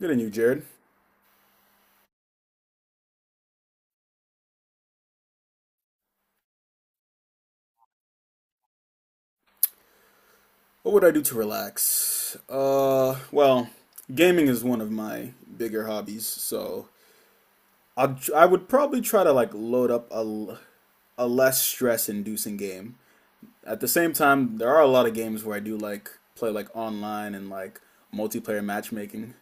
Good on you, Jared. What would I do to relax? Gaming is one of my bigger hobbies, so I would probably try to like load up a less stress-inducing game. At the same time, there are a lot of games where I do like play like online and like multiplayer matchmaking.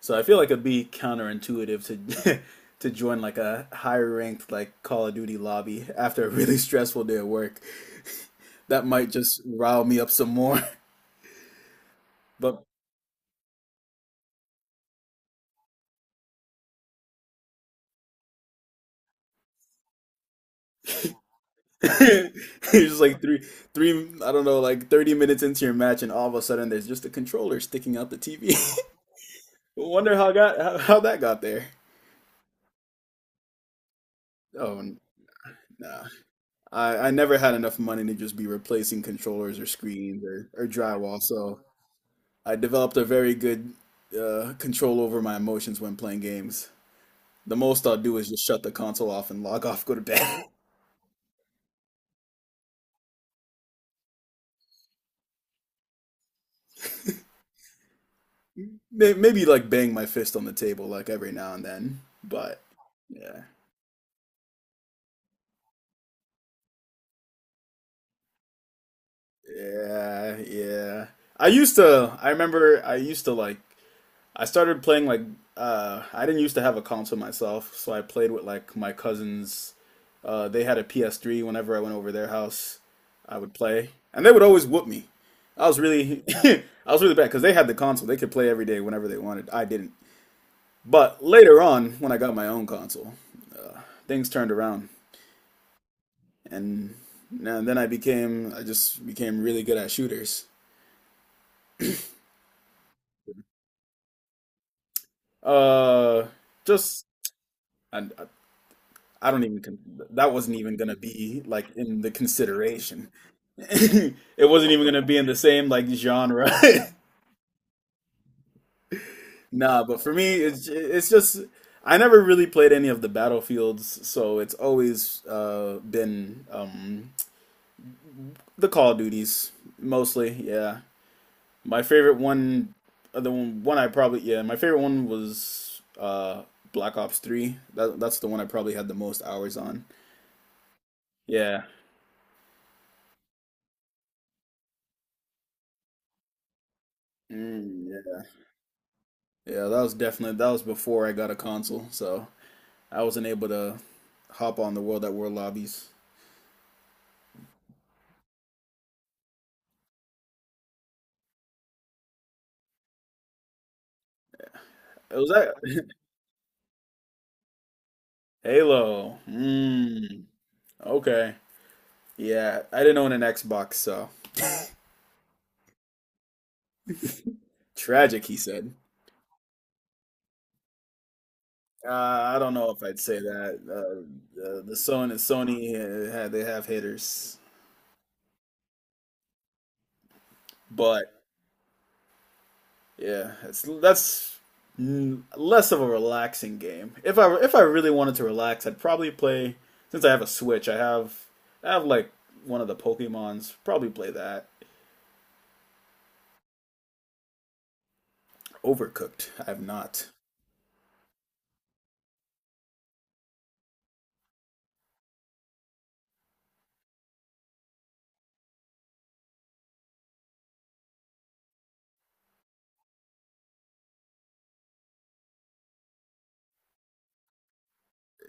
So I feel like it'd be counterintuitive to to join like a higher ranked like Call of Duty lobby after a really stressful day at work. That might just rile me up some more. But It's just like three, I don't know, like 30 minutes into your match, and all of a sudden there's just a controller sticking out the TV. Wonder how got how that got there. Oh, nah. I never had enough money to just be replacing controllers or screens or drywall, so I developed a very good control over my emotions when playing games. The most I'll do is just shut the console off and log off, go to bed. Maybe like bang my fist on the table like every now and then, but yeah. Yeah, yeah. I remember I used to like, I started playing like, I didn't used to have a console myself, so I played with like my cousins. They had a PS3 whenever I went over their house, I would play, and they would always whoop me. I was really, I was really bad because they had the console. They could play every day whenever they wanted. I didn't. But later on, when I got my own console, uh, things turned around, and, I just became really good at shooters. Uh, just I, I don't even that wasn't even gonna be like in the consideration. It wasn't even gonna be in the same like genre. Nah, but for me, it's just I never really played any of the battlefields, so it's always been the Call of Duties mostly. Yeah, my favorite one, the one one I probably yeah my favorite one was Black Ops Three. That's the one I probably had the most hours on. Yeah. Mm, yeah. Yeah, that was definitely that was before I got a console, so I wasn't able to hop on the World at War lobbies. It was that Halo. Mm, okay. Yeah, I didn't own an Xbox, so tragic. He said. I don't know if I'd say that. The Sony had they have hitters, but. Yeah, it's that's mm, less of a relaxing game. If I really wanted to relax, I'd probably play since I have a Switch. I have like one of the Pokemon's. Probably play that. Overcooked. I have not.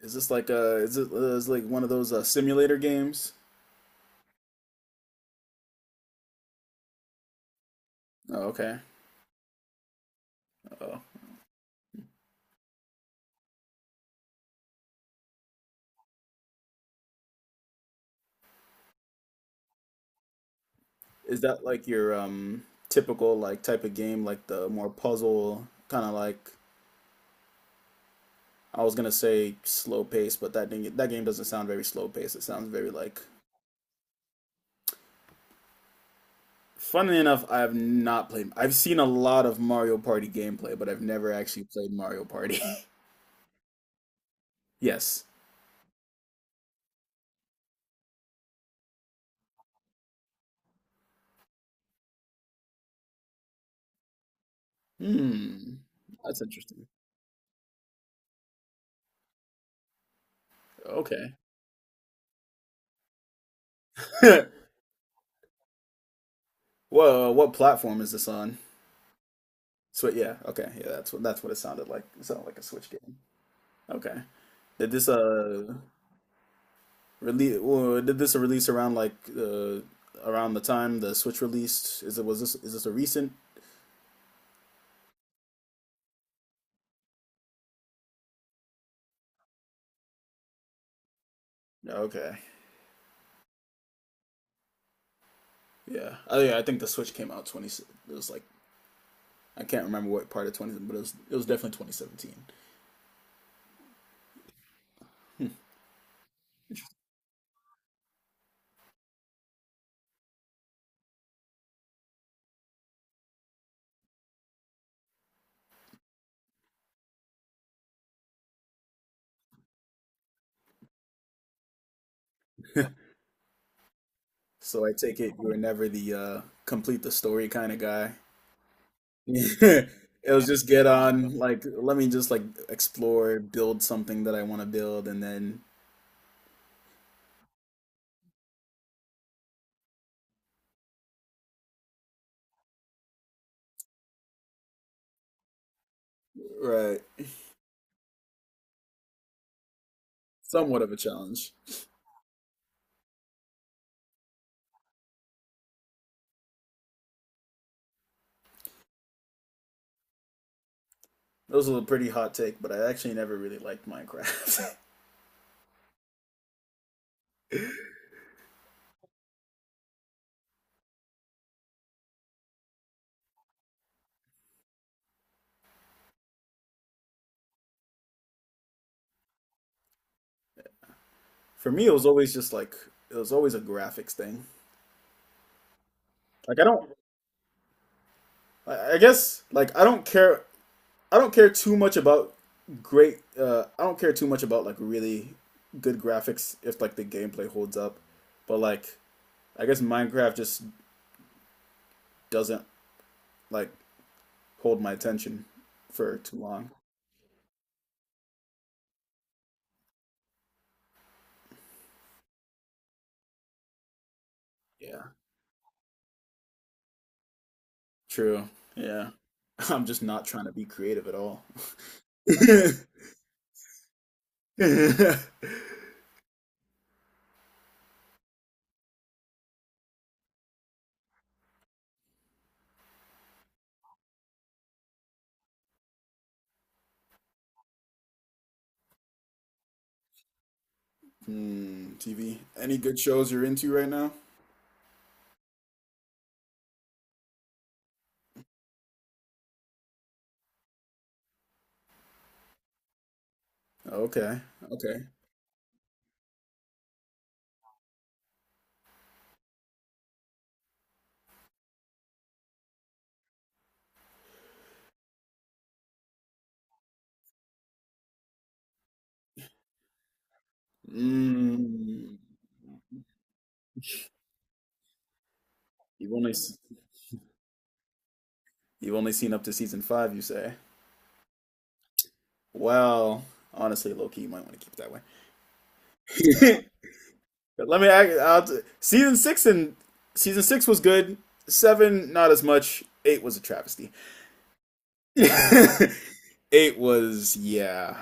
Is this like a is it is like one of those simulator games? Oh, okay. Oh, is that like your typical like type of game like the more puzzle kind of like I was gonna say slow pace, but that didn't, that game doesn't sound very slow pace. It sounds very like funnily enough, I have not played. I've seen a lot of Mario Party gameplay, but I've never actually played Mario Party. Yes. Hmm. That's interesting. Okay. Whoa, what platform is this on? So yeah, okay. Yeah, that's what it sounded like. It sounded like a Switch game. Okay. Did this release well, did this release around like around the time the Switch released? Is it was this a recent? Okay. Yeah. Oh yeah, I think the Switch came out 20 it was like I can't remember what part of 20, but it was definitely 2017. So I take it you were never the complete the story kind of guy. It was just get on like let me just like explore, build something that I want to build, and then right somewhat of a challenge. It was a pretty hot take, but I actually never really liked Minecraft. For me, it was always just like it was always a graphics thing. Like I guess like I don't care too much about great. I don't care too much about like really good graphics if like the gameplay holds up, but like I guess Minecraft just doesn't like hold my attention for too long. Yeah, true. Yeah, I'm just not trying to be creative at all. Hmm, TV. Any good shows you're into right now? Okay, okay. Mm, you've only s- you've only seen up to season 5, you say? Well, honestly, low key, you might want to keep it that way. But let me act- I'll, t- season 6 and season 6 was good. Seven, not as much. Eight was a travesty. Eight was yeah.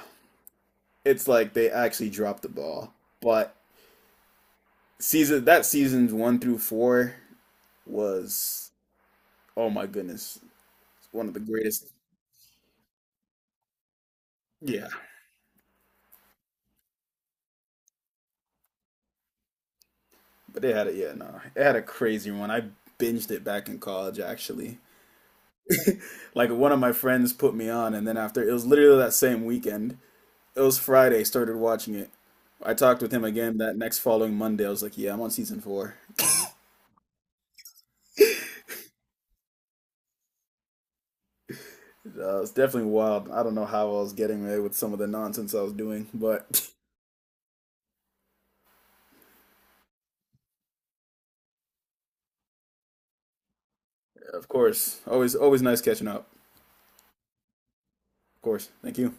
It's like they actually dropped the ball. But seasons 1 through 4 was oh my goodness, one of the greatest. Yeah, but they had it. Yeah, no, it had a crazy one. I binged it back in college actually. Like one of my friends put me on and then after it was literally that same weekend, it was Friday, started watching it. I talked with him again that next following Monday. I was like, yeah, I'm on season 4. Uh, it's definitely wild. I don't know how I was getting away with some of the nonsense I was doing, but of course, always, always nice catching up. Of course, thank you.